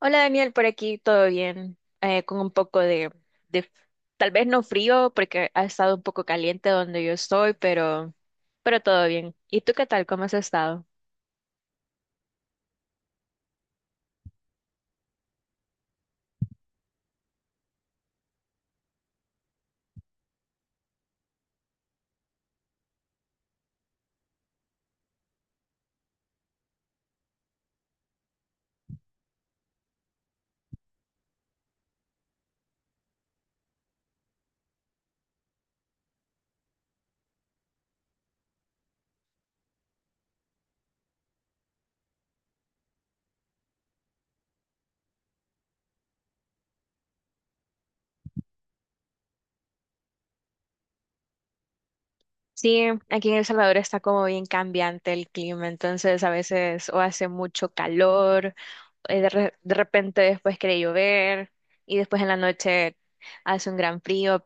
Hola Daniel, por aquí todo bien. Con un poco de, de- tal vez no frío porque ha estado un poco caliente donde yo estoy, pero todo bien. ¿Y tú qué tal? ¿Cómo has estado? Sí, aquí en El Salvador está como bien cambiante el clima, entonces a veces o hace mucho calor, de repente después quiere llover y después en la noche hace un gran frío,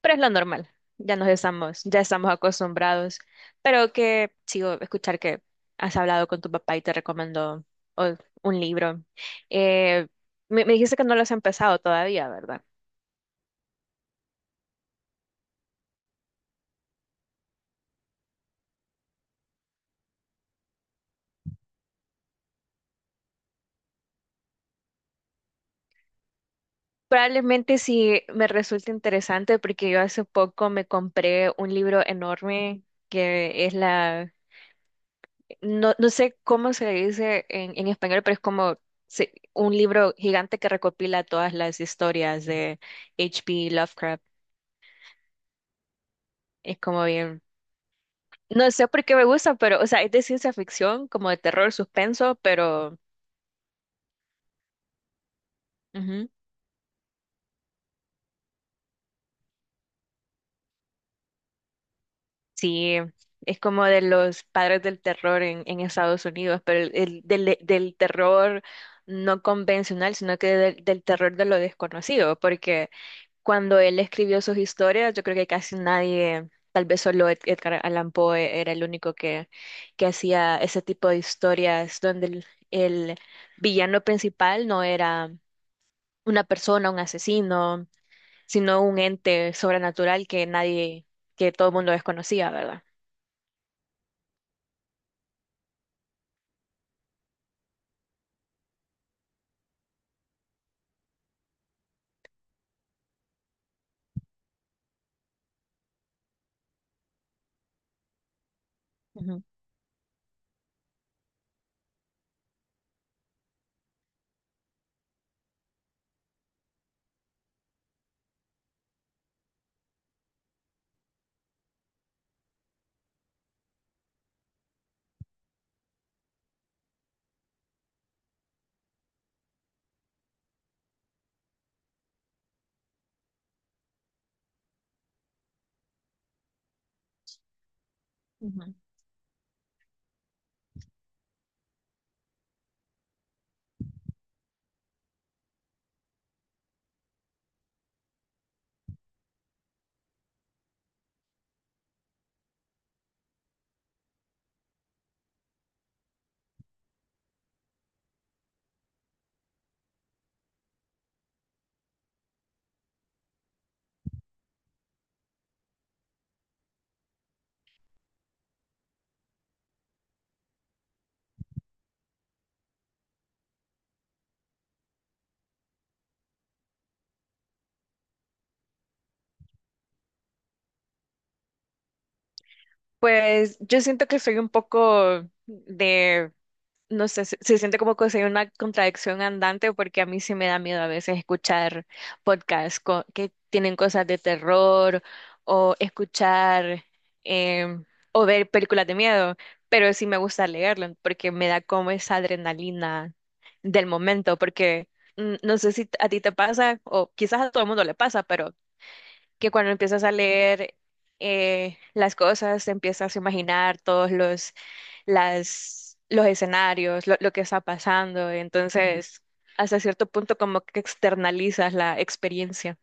pero es lo normal, ya estamos acostumbrados, pero que sigo escuchar que has hablado con tu papá y te recomendó o- un libro. Eh, me dijiste que no lo has empezado todavía, ¿verdad? Probablemente sí me resulte interesante porque yo hace poco me compré un libro enorme que es no, no sé cómo se le dice en, español, pero es como un libro gigante que recopila todas las historias de H. P. Lovecraft. Es como bien. No sé por qué me gusta, pero, o sea, es de ciencia ficción, como de terror, suspenso, pero ujú, sí, es como de los padres del terror en, Estados Unidos, pero el, del terror no convencional, sino que del terror de lo desconocido, porque cuando él escribió sus historias, yo creo que casi nadie, tal vez solo Edgar Allan Poe era el único que hacía ese tipo de historias donde el villano principal no era una persona, un asesino, sino un ente sobrenatural que nadie, que todo el mundo desconocía, ¿verdad? Ujú, ujú. Pues yo siento que soy un poco de, no sé, se siente como que soy una contradicción andante porque a mí sí me da miedo a veces escuchar podcasts que tienen cosas de terror o escuchar em, o ver películas de miedo, pero sí me gusta leerlo porque me da como esa adrenalina del momento, porque no sé si a ti te pasa o quizás a todo el mundo le pasa, pero que cuando empiezas a leer las cosas, te empiezas a imaginar todos los, las, los escenarios, lo que está pasando. Entonces, hasta cierto punto como que externalizas la experiencia.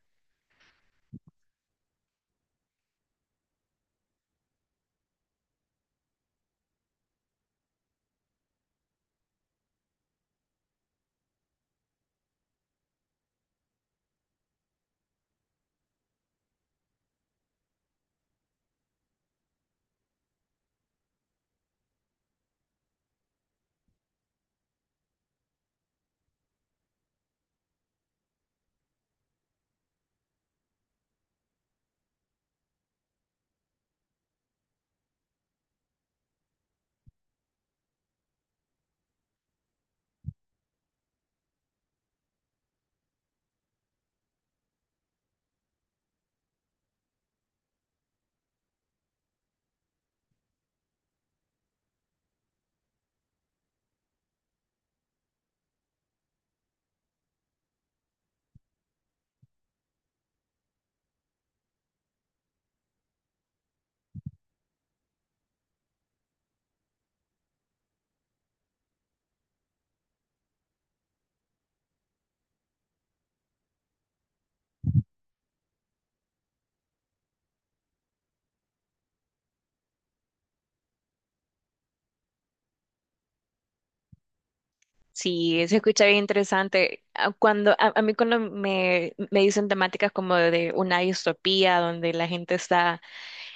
Sí, se escucha bien interesante. Ah, A mí cuando me dicen temáticas como de una distopía, donde la gente está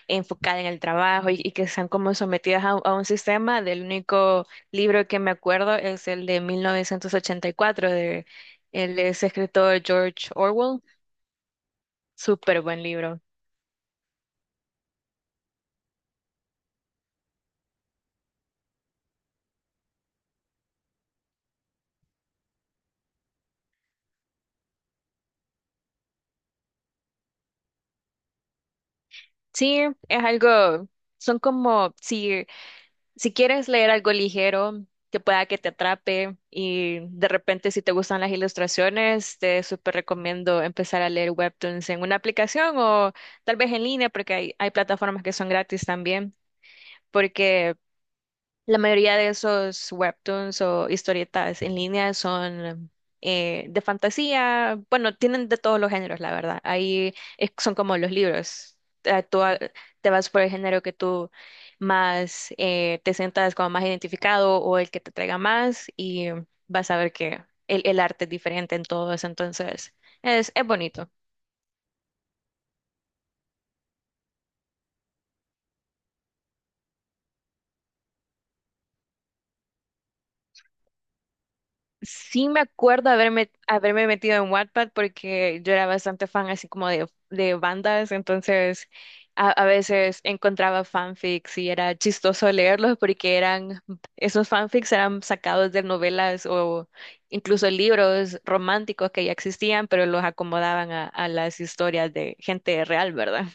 enfocada en el trabajo y que están como sometidas a un sistema. Del único libro que me acuerdo es el de 1984 de ese escritor George Orwell. Súper buen libro. Sí, es algo, son como si, si quieres leer algo ligero que pueda que te atrape y de repente si te gustan las ilustraciones, te súper recomiendo empezar a leer webtoons en una aplicación o tal vez en línea porque hay plataformas que son gratis también, porque la mayoría de esos webtoons o historietas en línea son de fantasía, bueno, tienen de todos los géneros, la verdad. Ahí son como los libros. Tú te vas por el género que tú más te sientas como más identificado o el que te traiga más y vas a ver que el arte es diferente en todos, entonces es bonito. Sí me acuerdo haberme metido en Wattpad porque yo era bastante fan así como de, bandas, entonces a veces encontraba fanfics y era chistoso leerlos porque eran, esos fanfics eran sacados de novelas o incluso libros románticos que ya existían, pero los acomodaban a las historias de gente real, ¿verdad?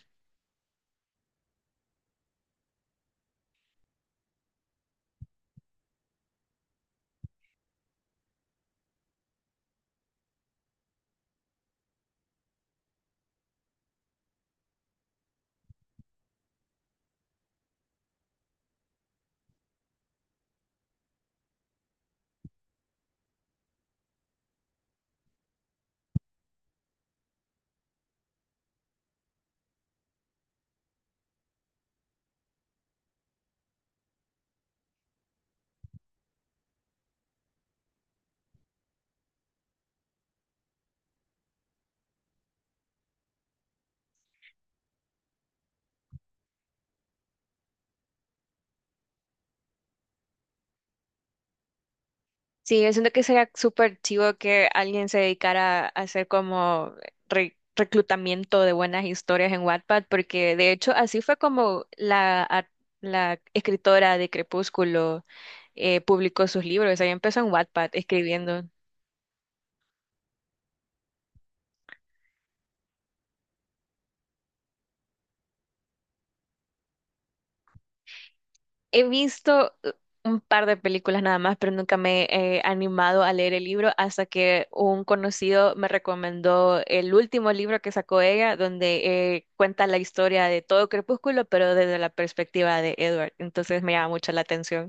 Sí, yo siento que sería súper chivo que alguien se dedicara a hacer como reclutamiento de buenas historias en Wattpad, porque de hecho así fue como la escritora de Crepúsculo publicó sus libros. Ella empezó en Wattpad escribiendo. He visto un par de películas nada más, pero nunca me he animado a leer el libro hasta que un conocido me recomendó el último libro que sacó ella, donde cuenta la historia de todo Crepúsculo, pero desde la perspectiva de Edward. Entonces me llama mucho la atención.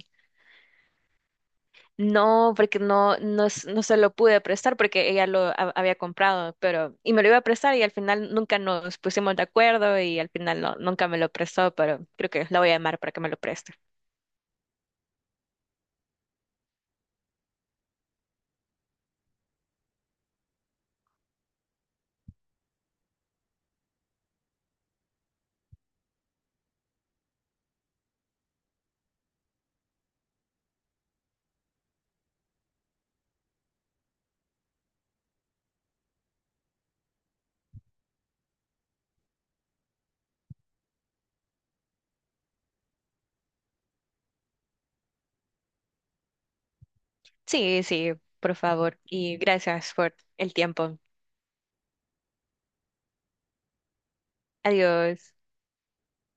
No, porque no, no, no se lo pude prestar porque ella lo había comprado, pero y me lo iba a prestar y al final nunca nos pusimos de acuerdo y al final no, nunca me lo prestó, pero creo que la voy a llamar para que me lo preste. Sí, sí, por favor. Y gracias por el tiempo. Adiós.